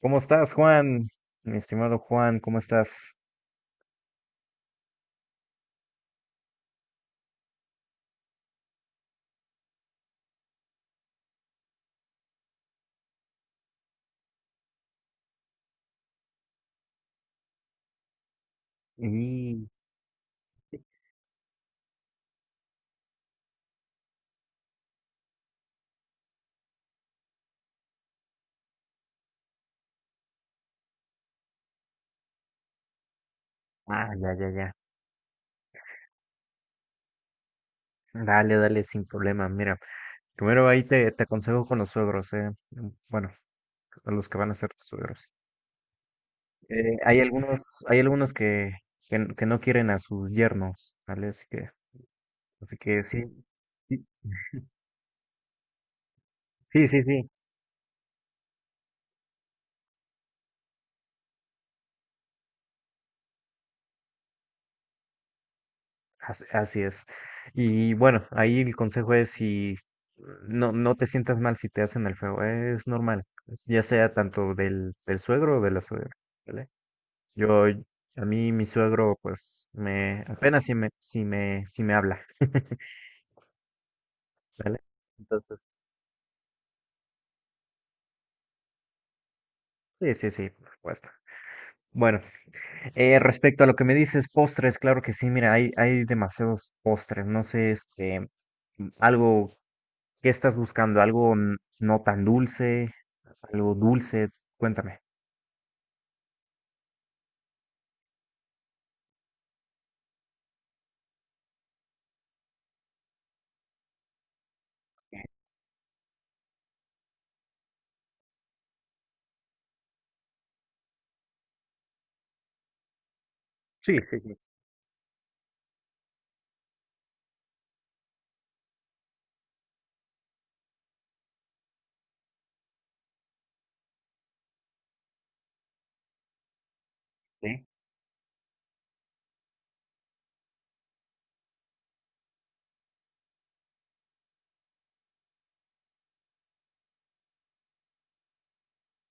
¿Cómo estás, Juan? Mi estimado Juan, ¿cómo estás? Y... Ah, ya, ya, ya. Dale, dale, sin problema. Mira, primero ahí te aconsejo con los suegros, ¿eh? Bueno, a los que van a ser tus suegros. Hay algunos, hay algunos que no quieren a sus yernos, ¿vale? Así que sí, sí, sí, sí, sí. Así es. Y bueno, ahí el consejo es si no, no te sientas mal si te hacen el feo, es normal, ya sea tanto del, del suegro o de la suegra, ¿vale? Yo, a mí mi suegro, pues, me, apenas si me, si me, si me habla. ¿Vale? Entonces, sí, sí, sí, por supuesto. Bueno, respecto a lo que me dices, postres, claro que sí, mira, hay demasiados postres, no sé, algo, ¿qué estás buscando? ¿Algo no tan dulce? Algo dulce, cuéntame. Sí, sí, sí. Sí.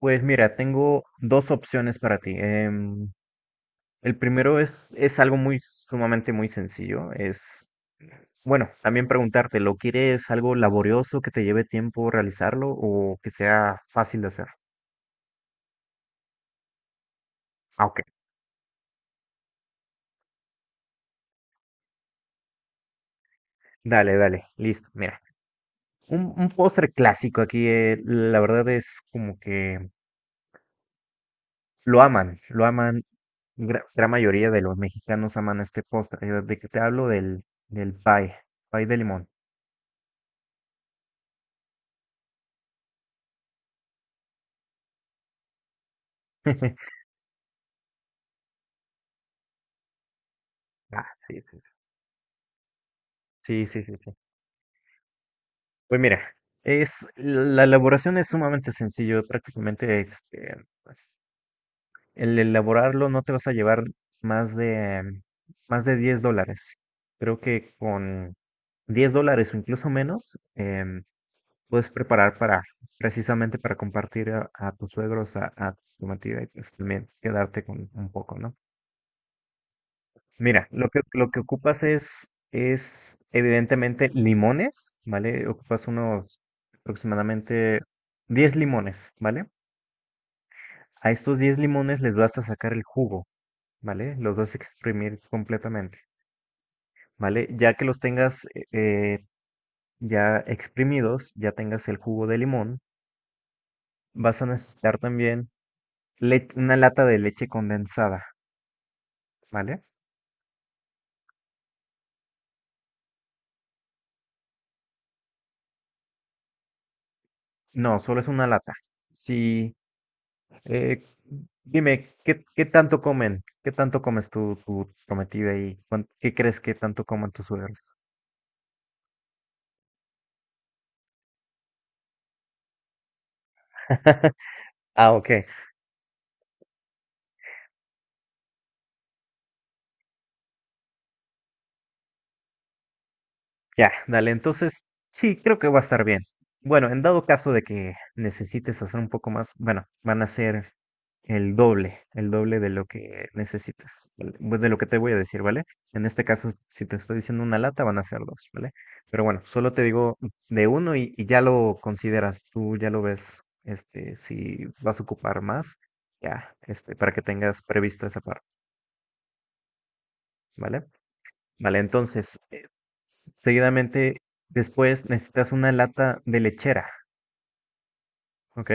Pues mira, tengo dos opciones para ti. El primero es algo muy sumamente muy sencillo. Es, bueno, también preguntarte, ¿lo quieres algo laborioso que te lleve tiempo realizarlo o que sea fácil de hacer? Ah, ok. Dale, dale, listo. Mira, un postre clásico aquí, la verdad es como que lo aman, lo aman. Gran mayoría de los mexicanos aman este postre. ¿De que te hablo? Del, del pie, pie de limón. Ah, sí, sí, sí. Sí, sí, sí, sí. Pues mira, es, la elaboración es sumamente sencillo. Prácticamente el elaborarlo no te vas a llevar más de, más de $10. Creo que con $10 o incluso menos, puedes preparar para, precisamente para compartir a tus suegros, a tu matida y pues también quedarte con un poco, ¿no? Mira, lo que ocupas es evidentemente limones, ¿vale? Ocupas unos aproximadamente 10 limones, ¿vale? A estos 10 limones les vas a sacar el jugo, ¿vale? Los vas a exprimir completamente, ¿vale? Ya que los tengas ya exprimidos, ya tengas el jugo de limón, vas a necesitar también una lata de leche condensada, ¿vale? No, solo es una lata. Sí, eh, dime, ¿qué, qué tanto comen? ¿Qué tanto comes tu, tu prometida y qué crees que tanto comen tus suegros? Ah, ok. Ya, dale, entonces sí, creo que va a estar bien. Bueno, en dado caso de que necesites hacer un poco más, bueno, van a ser el doble de lo que necesitas, ¿vale? De lo que te voy a decir, ¿vale? En este caso, si te estoy diciendo una lata, van a ser dos, ¿vale? Pero bueno, solo te digo de uno y ya lo consideras, tú ya lo ves, este, si vas a ocupar más, ya, este, para que tengas previsto esa parte, ¿vale? Vale, entonces, seguidamente, después necesitas una lata de lechera, ¿ok?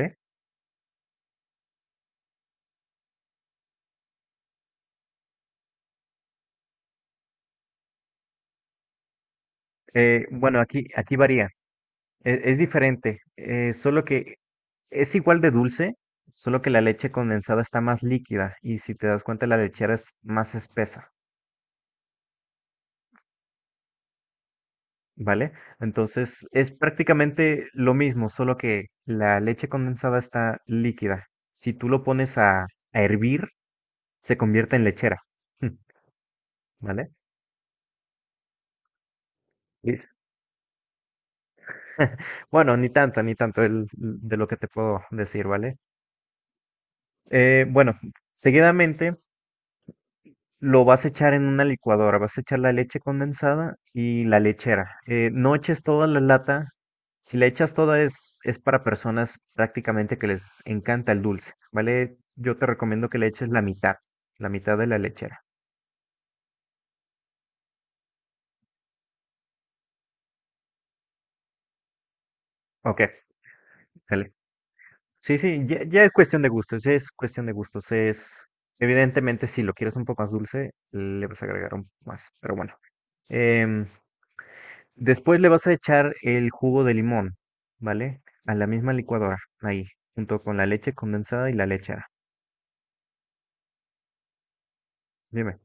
Bueno, aquí, aquí varía, es diferente, solo que es igual de dulce, solo que la leche condensada está más líquida y si te das cuenta la lechera es más espesa, ¿vale? Entonces, es prácticamente lo mismo, solo que la leche condensada está líquida. Si tú lo pones a hervir, se convierte en lechera. ¿Vale? Bueno, ni tanto, ni tanto de lo que te puedo decir, ¿vale? Bueno, seguidamente lo vas a echar en una licuadora, vas a echar la leche condensada y la lechera. No eches toda la lata, si la echas toda es para personas prácticamente que les encanta el dulce, ¿vale? Yo te recomiendo que le eches la mitad de la lechera. Ok, dale. Sí, sí, ya, ya es cuestión de gustos, ya es cuestión de gustos, es. Evidentemente, si lo quieres un poco más dulce, le vas a agregar un poco más, pero bueno. Em, Después le vas a echar el jugo de limón, ¿vale? A la misma licuadora, ahí, junto con la leche condensada y la lechera. Dime.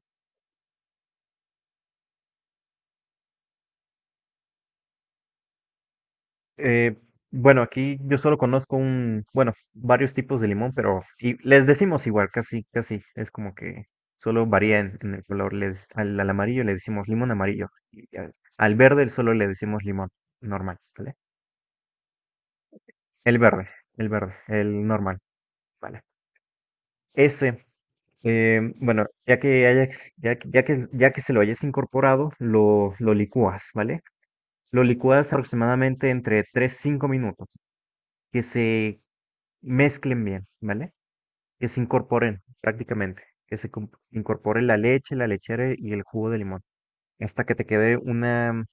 Eh, bueno, aquí yo solo conozco un, bueno, varios tipos de limón, pero y les decimos igual, casi, casi. Es como que solo varía en el color. Les, al, al amarillo le decimos limón amarillo. Y al, al verde solo le decimos limón normal, ¿vale? El verde, el verde, el normal, ¿vale? Ese bueno, ya que hayas, ya, que, ya que ya que se lo hayas incorporado, lo licúas, ¿vale? Lo licúas aproximadamente entre 3 a 5 minutos, que se mezclen bien, ¿vale? Que se incorporen prácticamente, que se incorpore la leche, la lechera y el jugo de limón, hasta que te quede una,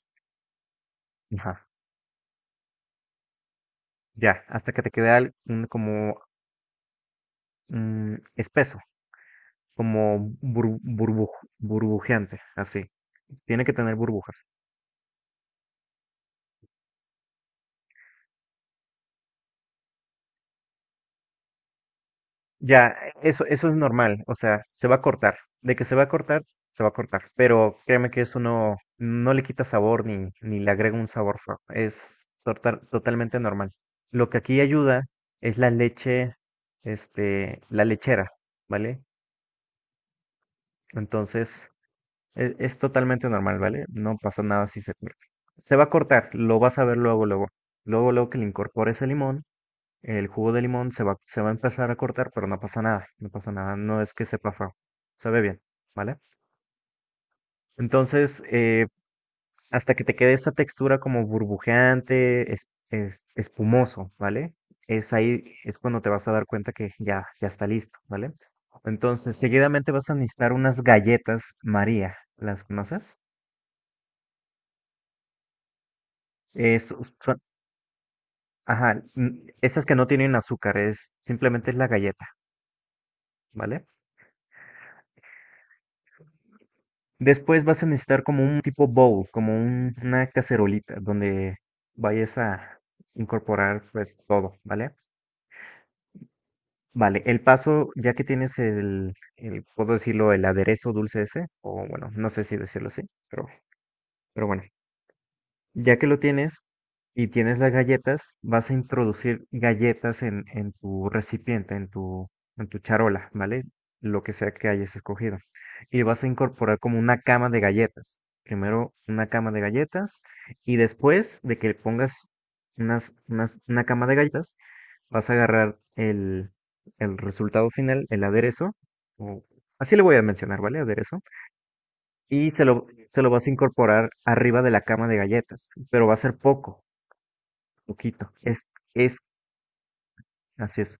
ajá, ya, hasta que te quede como espeso, como burbujeante, así. Tiene que tener burbujas. Ya, eso es normal, o sea, se va a cortar. De que se va a cortar, se va a cortar. Pero créeme que eso no, no le quita sabor ni, ni le agrega un sabor feo. Es totalmente normal. Lo que aquí ayuda es la leche, este, la lechera, ¿vale? Entonces, es totalmente normal, ¿vale? No pasa nada si se corta. Se va a cortar, lo vas a ver luego, luego. Luego, luego que le incorpores el limón. El jugo de limón se va a empezar a cortar, pero no pasa nada, no pasa nada, no es que sepa feo, sabe bien, ¿vale? Entonces, hasta que te quede esta textura como burbujeante, es, espumoso, ¿vale? Es ahí, es cuando te vas a dar cuenta que ya, ya está listo, ¿vale? Entonces, seguidamente vas a necesitar unas galletas María, ¿las conoces? Es- son- ajá, mm, esas que no tienen azúcar, es simplemente es la galleta, ¿vale? Después vas a necesitar como un tipo bowl, como una cacerolita donde vayas a incorporar pues todo, ¿vale? Vale, el paso, ya que tienes el, puedo decirlo, el aderezo dulce ese, o bueno, no sé si decirlo así, pero, pero bueno. Ya que lo tienes y tienes las galletas, vas a introducir galletas en tu recipiente, en tu charola, ¿vale? Lo que sea que hayas escogido. Y vas a incorporar como una cama de galletas. Primero una cama de galletas y después de que pongas una cama de galletas, vas a agarrar el resultado final, el aderezo. o- Así le voy a mencionar, ¿vale? Aderezo y se lo vas a incorporar arriba de la cama de galletas, pero va a ser poco, poquito. Es, así es,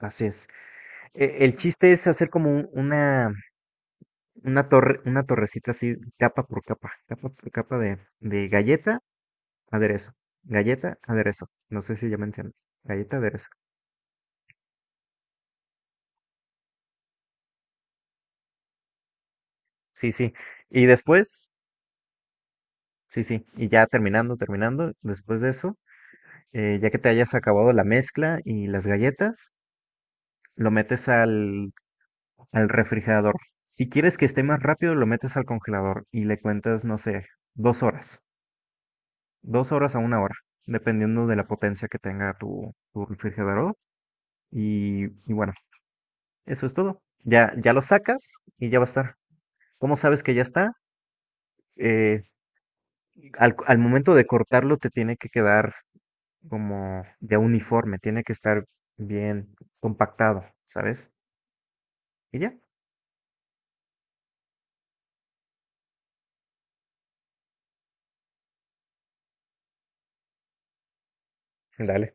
así es. El chiste es hacer como una torre, una torrecita así, capa por capa de galleta, aderezo, galleta, aderezo. No sé si ya me entiendes. Galleta, aderezo. Sí, sí. Y después, sí, sí. Y ya terminando, terminando, después de eso, ya que te hayas acabado la mezcla y las galletas, lo metes al al refrigerador. Si quieres que esté más rápido, lo metes al congelador y le cuentas, no sé, 2 horas, 2 horas a 1 hora, dependiendo de la potencia que tenga tu, tu refrigerador. Y bueno, eso es todo. Ya, ya lo sacas y ya va a estar. ¿Cómo sabes que ya está? Eh, Al, al momento de cortarlo te tiene que quedar como ya uniforme, tiene que estar bien compactado, ¿sabes? Y ya. Dale.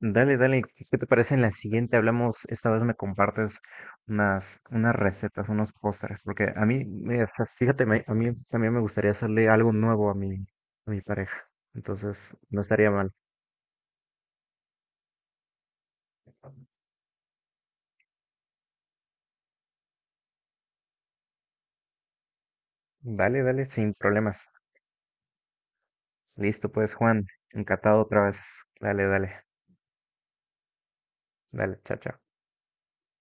Dale, dale, ¿qué qué te parece en la siguiente? Hablamos, esta vez me compartes unas, unas recetas, unos pósteres, porque a mí, o sea, fíjate, a mí también me gustaría hacerle algo nuevo a mi pareja, entonces no estaría mal. Dale, dale, sin problemas. Listo, pues Juan, encantado otra vez. Dale, dale, dale, chao, chao.